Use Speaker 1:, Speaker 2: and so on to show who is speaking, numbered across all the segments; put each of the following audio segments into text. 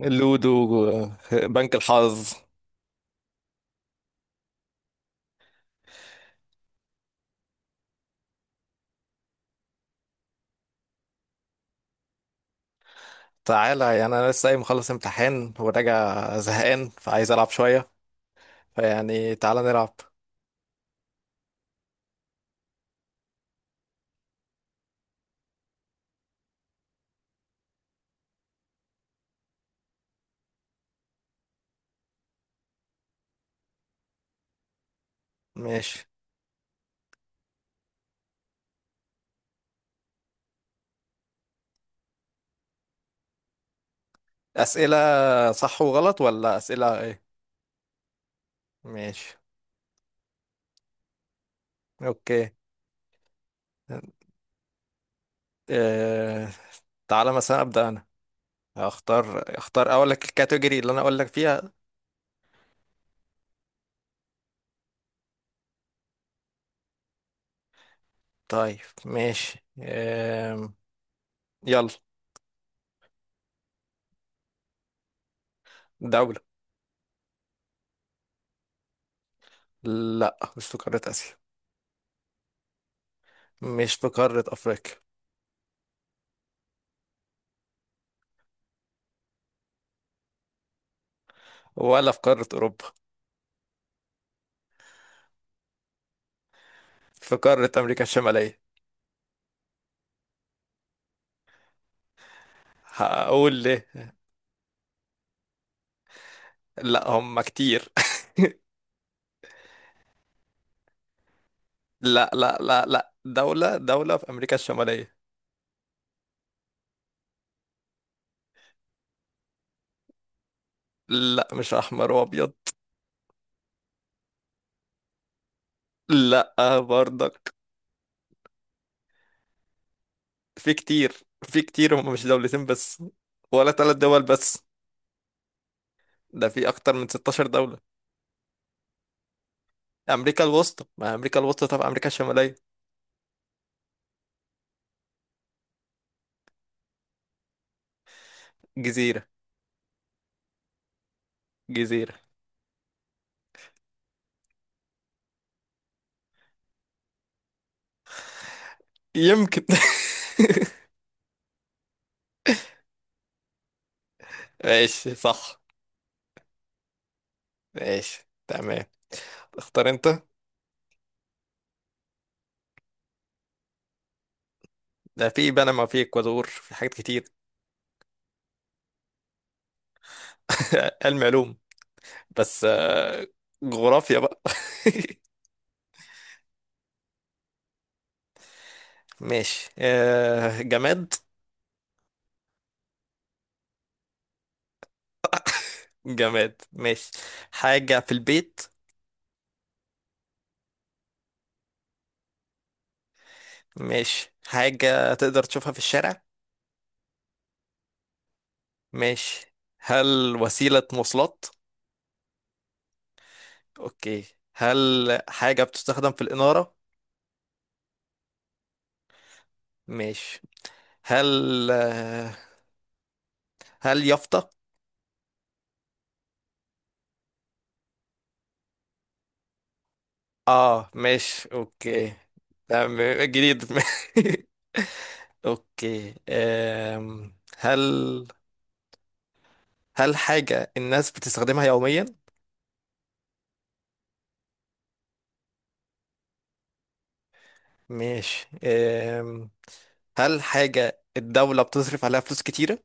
Speaker 1: اللودو. بنك الحظ. تعالى، يعني انا لسه قايم مخلص امتحان وراجع زهقان، فعايز العب شويه، فيعني تعالى نلعب. ماشي. اسئله صح وغلط، ولا اسئله ايه؟ ماشي. اوكي. اه... تعالى مثلا ابدا انا، اختار اقول لك الكاتيجوري اللي انا اقول لك فيها. طيب. ماشي. اه... يلا. دوله. لا، مش في قاره اسيا. مش في قاره افريقيا. ولا في قاره اوروبا. في قارة أمريكا الشمالية. هقول ليه. لا، هم كتير. لا، لا، لا، لا، دولة، دولة في أمريكا الشمالية. لا، مش أحمر وأبيض. لا. برضك. في كتير. في كتير، هم مش دولتين بس. ولا ثلاث دول بس. ده في أكتر من 16 دولة. أمريكا الوسطى، ما أمريكا الوسطى. طب أمريكا الشمالية. جزيرة. جزيرة. يمكن. ماشي، صح. ماشي، تمام. اختار انت. ده في بنما، في اكوادور، في حاجات كتير. علم علوم. بس، جغرافيا بقى. ماشي. جماد. جماد. ماشي. حاجة في البيت. ماشي. حاجة تقدر تشوفها في الشارع. ماشي. هل وسيلة مواصلات؟ اوكي. هل حاجة بتستخدم في الإنارة؟ ماشي. هل آه، هل يافطة؟ اه، ماشي، اوكي، تمام، جديد. اوكي. هل حاجة الناس بتستخدمها يوميا؟ ماشي. هل حاجة الدولة بتصرف عليها فلوس كتيرة؟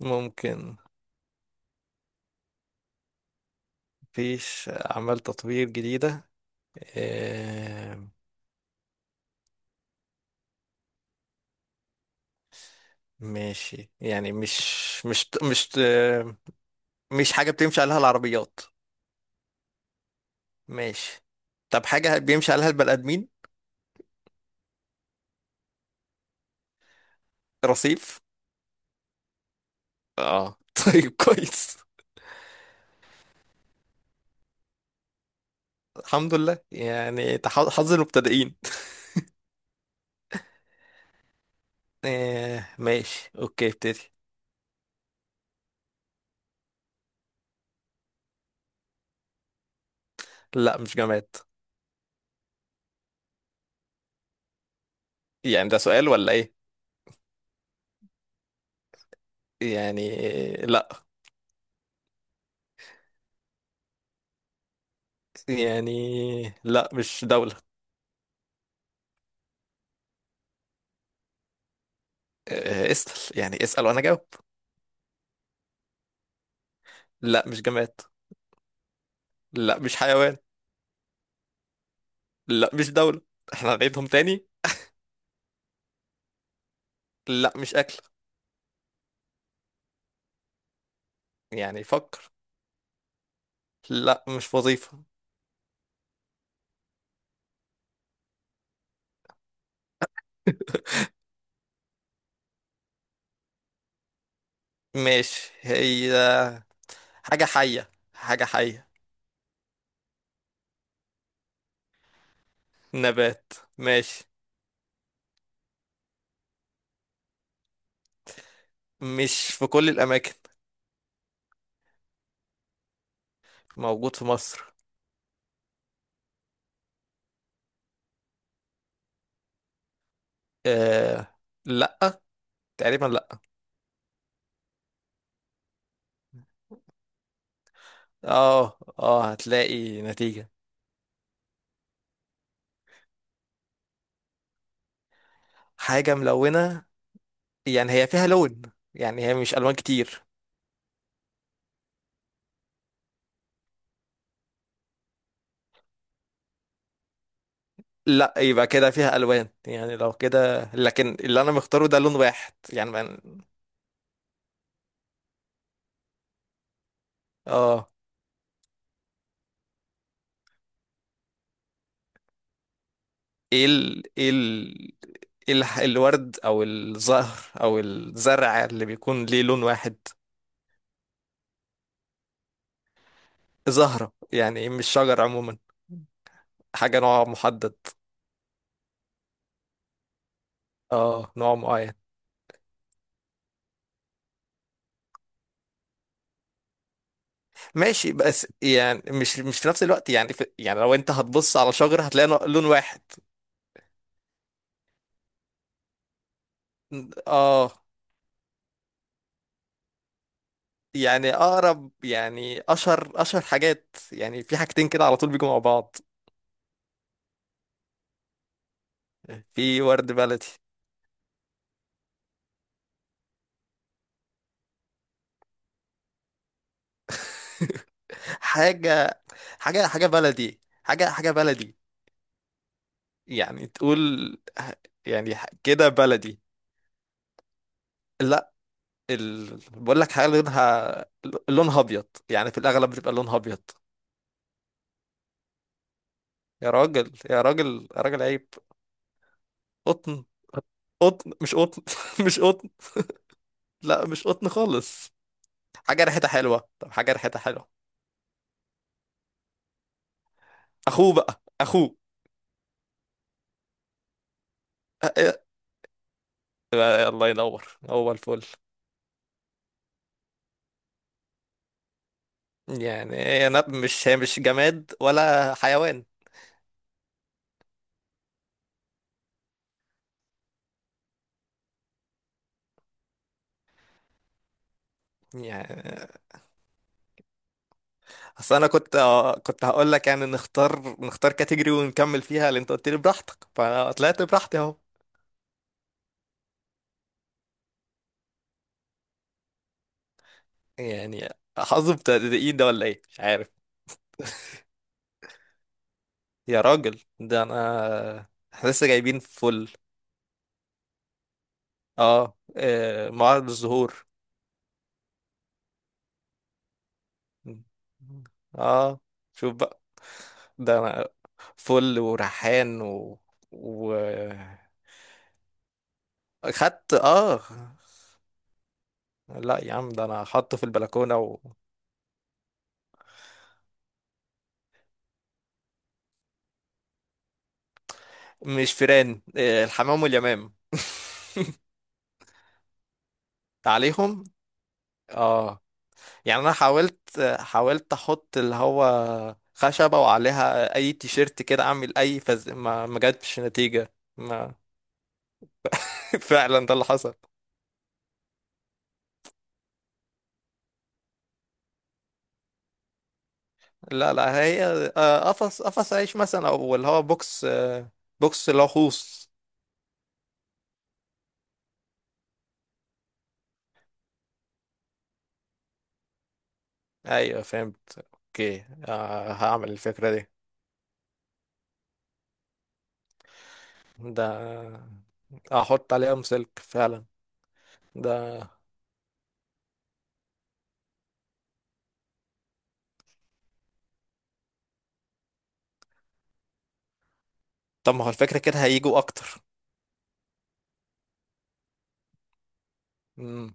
Speaker 1: ممكن. مفيش أعمال تطوير جديدة. أم، ماشي. يعني مش، مش مش مش حاجة بتمشي عليها العربيات. ماشي. طب حاجة بيمشي عليها البني آدمين. رصيف. اه. طيب، كويس. الحمد لله، يعني حظ المبتدئين. آه، ماشي، اوكي، ابتدي. لا، مش جماد. يعني ده سؤال ولا ايه؟ يعني، لا. يعني، لا، مش دولة. اسأل، يعني اسأل وأنا جاوب. لا، مش جماد. لا، مش حيوان. لا، مش دولة. احنا هنعيدهم تاني. لا، مش أكل. يعني فكر. لا، مش وظيفة. ماشي. هي حاجة حية، حاجة حية. نبات. ماشي. مش في كل الأماكن. موجود في مصر. آه. لا. تقريبا، لا. اه هتلاقي نتيجة. حاجة ملونة، يعني هي فيها لون، يعني هي مش ألوان كتير. لا، يبقى كده فيها الوان، يعني لو كده. لكن اللي انا مختاره ده لون واحد، يعني اه. ايه ال... ايه ال... إيه الح- الورد او الزهر او الزرع اللي بيكون ليه لون واحد؟ زهرة، يعني مش شجر عموما. حاجة نوع محدد. اه، نوع معين. ماشي. بس يعني مش في نفس الوقت، يعني يعني لو انت هتبص على شجر هتلاقي لون واحد. اه. يعني اقرب، يعني اشهر حاجات، يعني في حاجتين كده على طول بيجوا مع بعض. في ورد بلدي. حاجة، حاجة بلدي. حاجة بلدي. يعني تقول، يعني كده بلدي. لا. بقول لك حاجة لونها، لونها أبيض، يعني في الأغلب بتبقى لونها أبيض. يا راجل، يا راجل، يا راجل، عيب. قطن. قطن، مش قطن. مش قطن. لا، مش قطن خالص. حاجة ريحتها حلوة. طب حاجة ريحتها حلوة. أخوه بقى، أخوه. أ- أ- الله ينور، هو الفل. يعني انا، مش هي مش جماد ولا حيوان؟ يعني اصل انا كنت هقول لك، يعني نختار كاتيجوري ونكمل فيها اللي انت قلت لي براحتك، فانا طلعت براحتي اهو. يعني حظ بتاع ايه ده، ولا ايه، مش عارف. يا راجل، ده انا، احنا لسه جايبين فل. اه. معرض الزهور. اه. شوف بقى. ده انا فل وريحان و خدت. اه. لا يا عم، ده انا حاطه في البلكونه. ومش فيران، إيه، الحمام واليمام. عليهم. اه. يعني انا حاولت احط اللي هو خشبه، وعليها اي تيشيرت كده، اعمل اي ما جاتش نتيجه، ما فعلا ده اللي حصل. لا، لا، هي، قفص عيش مثلا، او اللي هو بوكس، بوكس اللي هو خوص. ايوه، فهمت، اوكي. هعمل الفكره دي. ده احط عليهم سلك فعلا. طب ما هو الفكرة كده هيجوا أكتر. امم.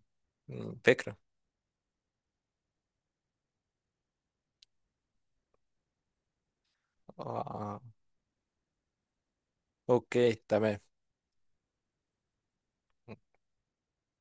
Speaker 1: فكرة. آه. آه. أوكي، تمام.